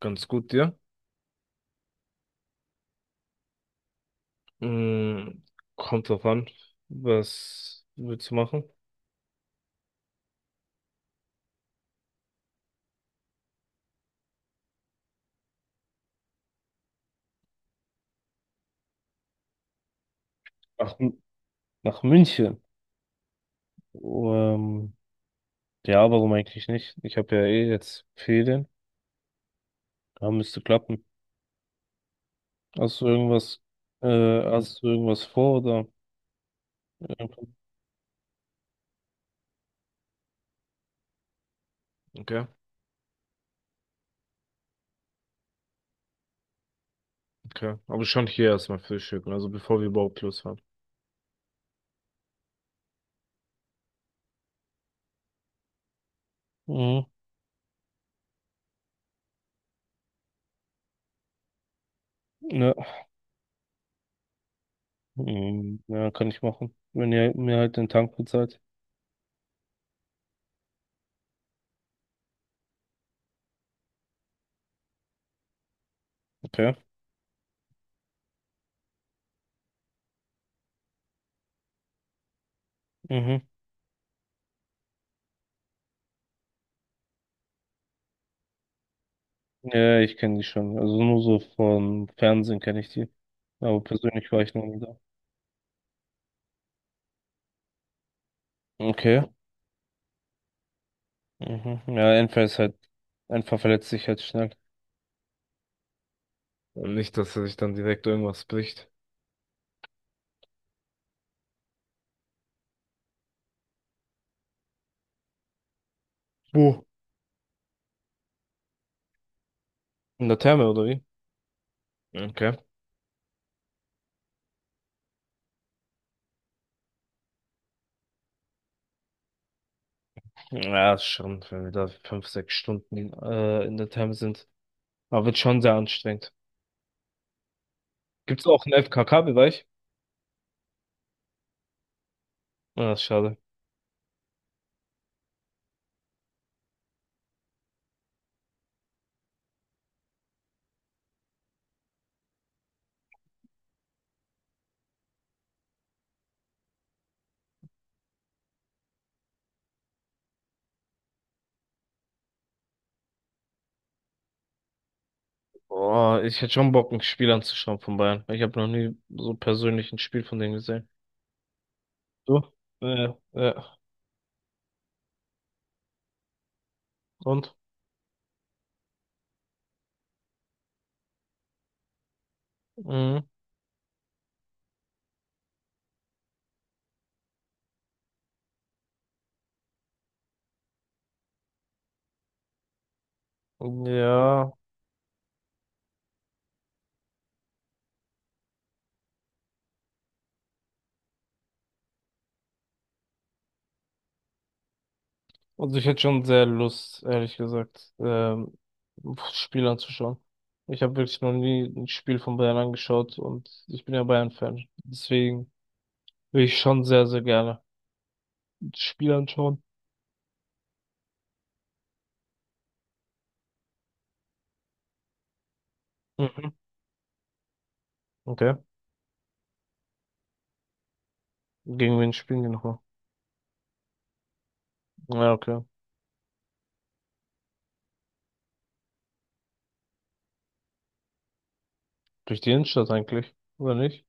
Ganz gut, dir. Mm, kommt drauf an, was willst du machen? Ach, nach München. Ähm, ja, warum eigentlich nicht? Ich habe ja eh jetzt Ferien. Da müsste klappen. Hast du irgendwas, äh, hast du irgendwas vor oder? Okay, okay. Aber schon hier erstmal frühstücken, also bevor wir überhaupt losfahren. Mhm. Ja. Mhm. Ja, kann ich machen. Wenn ihr mir halt den Tank bezahlt. Okay. Mhm. Ja, ja, ich kenne die schon. Also nur so vom Fernsehen kenne ich die. Aber persönlich war ich noch nie da. Okay. Mhm. Ja, Enfer verletzt sich halt schnell. Und nicht, dass er sich dann direkt irgendwas bricht. Wo? In der Therme, oder wie? Okay. Ja, ist schon, wenn wir da 5, 6 Stunden in der Therme sind. Aber wird schon sehr anstrengend. Gibt's auch einen FKK-Bereich? Ja, ist schade. Oh, ich hätte schon Bock, ein Spiel anzuschauen von Bayern. Ich habe noch nie so persönlich ein Spiel von denen gesehen. Du? Ja, ja. Und? Mhm. Ja, also ich hätte schon sehr Lust, ehrlich gesagt, Spiel anzuschauen. Ich habe wirklich noch nie ein Spiel von Bayern angeschaut und ich bin ja Bayern-Fan. Deswegen will ich schon sehr, sehr gerne das Spiel anschauen. Mhm. Okay. Gegen wen spielen die nochmal? Ja, okay. Durch die Innenstadt eigentlich, oder nicht?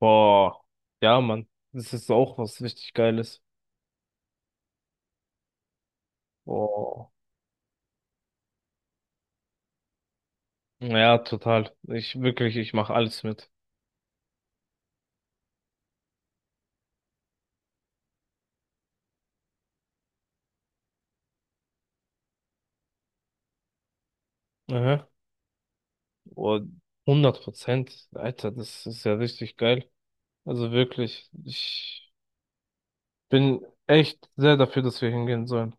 Boah. Ja, Mann. Das ist auch was richtig Geiles. Boah. Ja, total. Ich mache alles mit. Mhm. Oh, 100%. Alter, das ist ja richtig geil. Also wirklich, ich bin echt sehr dafür, dass wir hingehen sollen.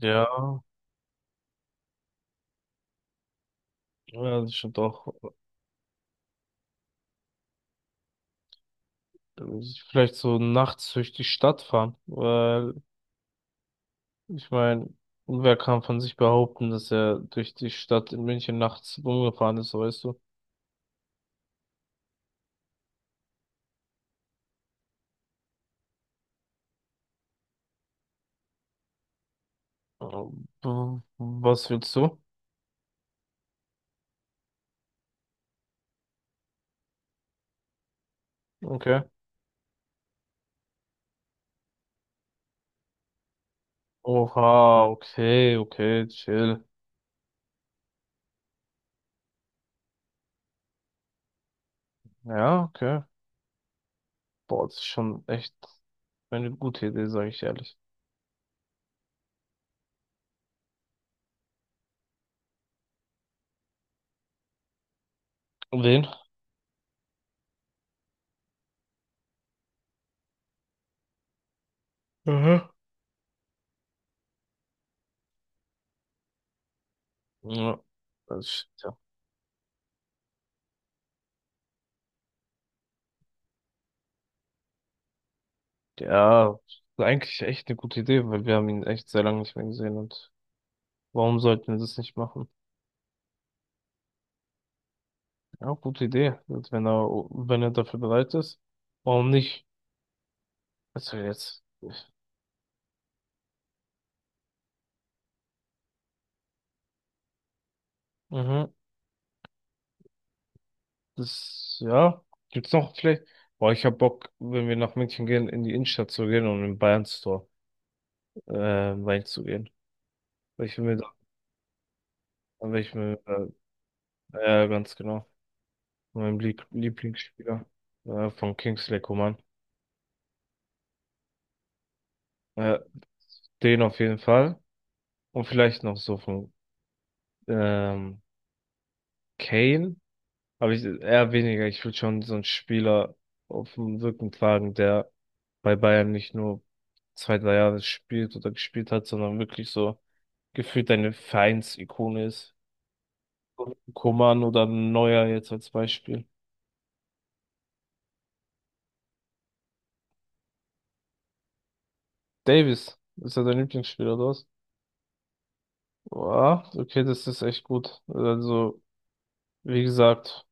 Ja, ja, das stimmt auch. Vielleicht so nachts durch die Stadt fahren, weil ich meine, wer kann von sich behaupten, dass er durch die Stadt in München nachts rumgefahren ist, weißt du? Was willst du? Okay. Oha, okay, okay, chill. Ja, okay. Boah, das ist schon echt eine gute Idee, sage ich ehrlich. Und den? Aha. Ja, ja. Ja, eigentlich echt eine gute Idee, weil wir haben ihn echt sehr lange nicht mehr gesehen und warum sollten wir das nicht machen? Ja, gute Idee. Und wenn er dafür bereit ist, warum nicht? Also jetzt. Mhm. Das, ja. Gibt's noch vielleicht? Boah, ich hab Bock, wenn wir nach München gehen, in die Innenstadt zu gehen und im Bayern Store Wein weil ich will mir da, weil ich mir ja, ganz genau. Mein Lieblingsspieler, von Kingsley Coman. Äh, den auf jeden Fall. Und vielleicht noch so von ähm, Kane. Aber ich, eher weniger. Ich will schon so einen Spieler auf dem Rücken tragen, der bei Bayern nicht nur 2, 3 Jahre spielt oder gespielt hat, sondern wirklich so gefühlt eine Vereinsikone ist. Coman oder Neuer jetzt als Beispiel. Davis, ist er dein Lieblingsspieler, oder was? Ja, okay, das ist echt gut. Also. Wie gesagt,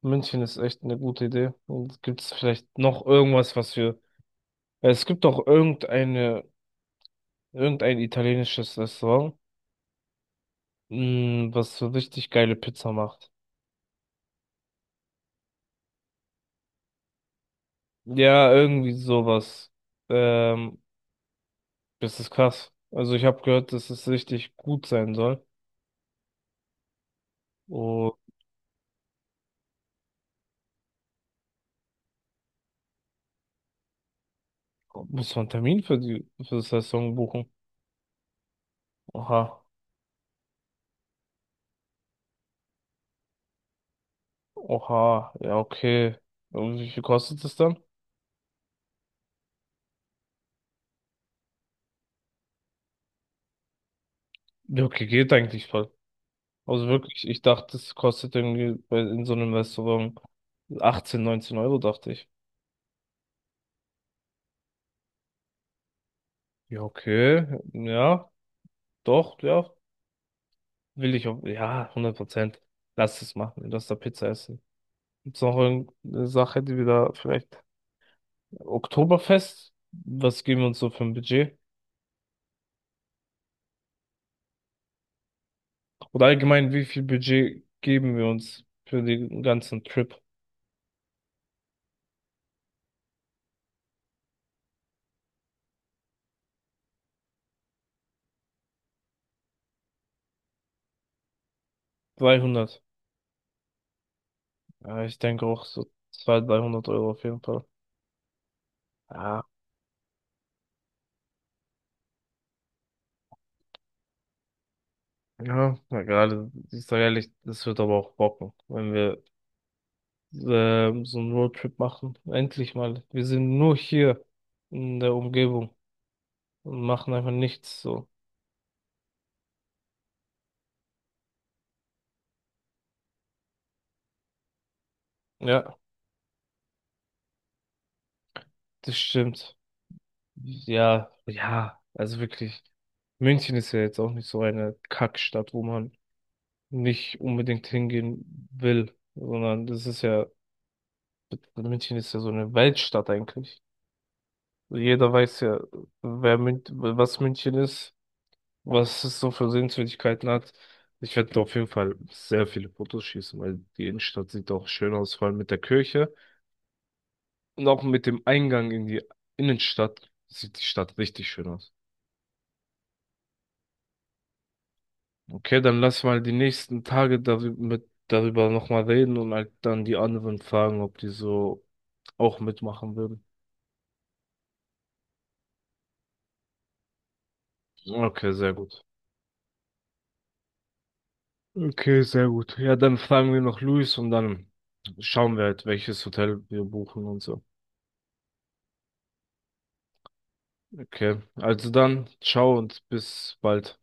München ist echt eine gute Idee. Und gibt es vielleicht noch irgendwas, was wir. Es gibt doch irgendein italienisches Restaurant, was so richtig geile Pizza macht. Ja, irgendwie sowas. Ähm, das ist krass. Also ich habe gehört, dass es richtig gut sein soll. Und muss man einen Termin für das Restaurant buchen? Oha. Oha. Ja, okay. Und wie viel kostet es dann? Ja, okay, geht eigentlich voll. Also wirklich, ich dachte, es kostet irgendwie in so einem Restaurant 18, 19 Euro, dachte ich. Ja, okay, ja, doch, ja, will ich auch, ja, 100%. Lass es machen, lass da Pizza essen. Gibt's noch irgendeine Sache, die wir da vielleicht, Oktoberfest, was geben wir uns so für ein Budget? Oder allgemein, wie viel Budget geben wir uns für den ganzen Trip? 300. Ja, ich denke auch so 200, 300 Euro auf jeden Fall. Ja. Ja, na gerade, ich sage ehrlich, das wird aber auch bocken, wenn wir so einen Roadtrip machen. Endlich mal. Wir sind nur hier in der Umgebung und machen einfach nichts so. Ja, das stimmt. Ja, ja, also wirklich. München ist ja jetzt auch nicht so eine Kackstadt, wo man nicht unbedingt hingehen will, sondern das ist ja, München ist ja so eine Weltstadt eigentlich. Jeder weiß ja, wer Mün was München ist. Was es so für Sehenswürdigkeiten hat. Ich werde auf jeden Fall sehr viele Fotos schießen, weil die Innenstadt sieht auch schön aus, vor allem mit der Kirche. Und auch mit dem Eingang in die Innenstadt sieht die Stadt richtig schön aus. Okay, dann lass mal die nächsten Tage darüber, darüber nochmal reden und halt dann die anderen fragen, ob die so auch mitmachen würden. Okay, sehr gut. Okay, sehr gut. Ja, dann fragen wir noch Luis und dann schauen wir halt, welches Hotel wir buchen und so. Okay, also dann, ciao und bis bald.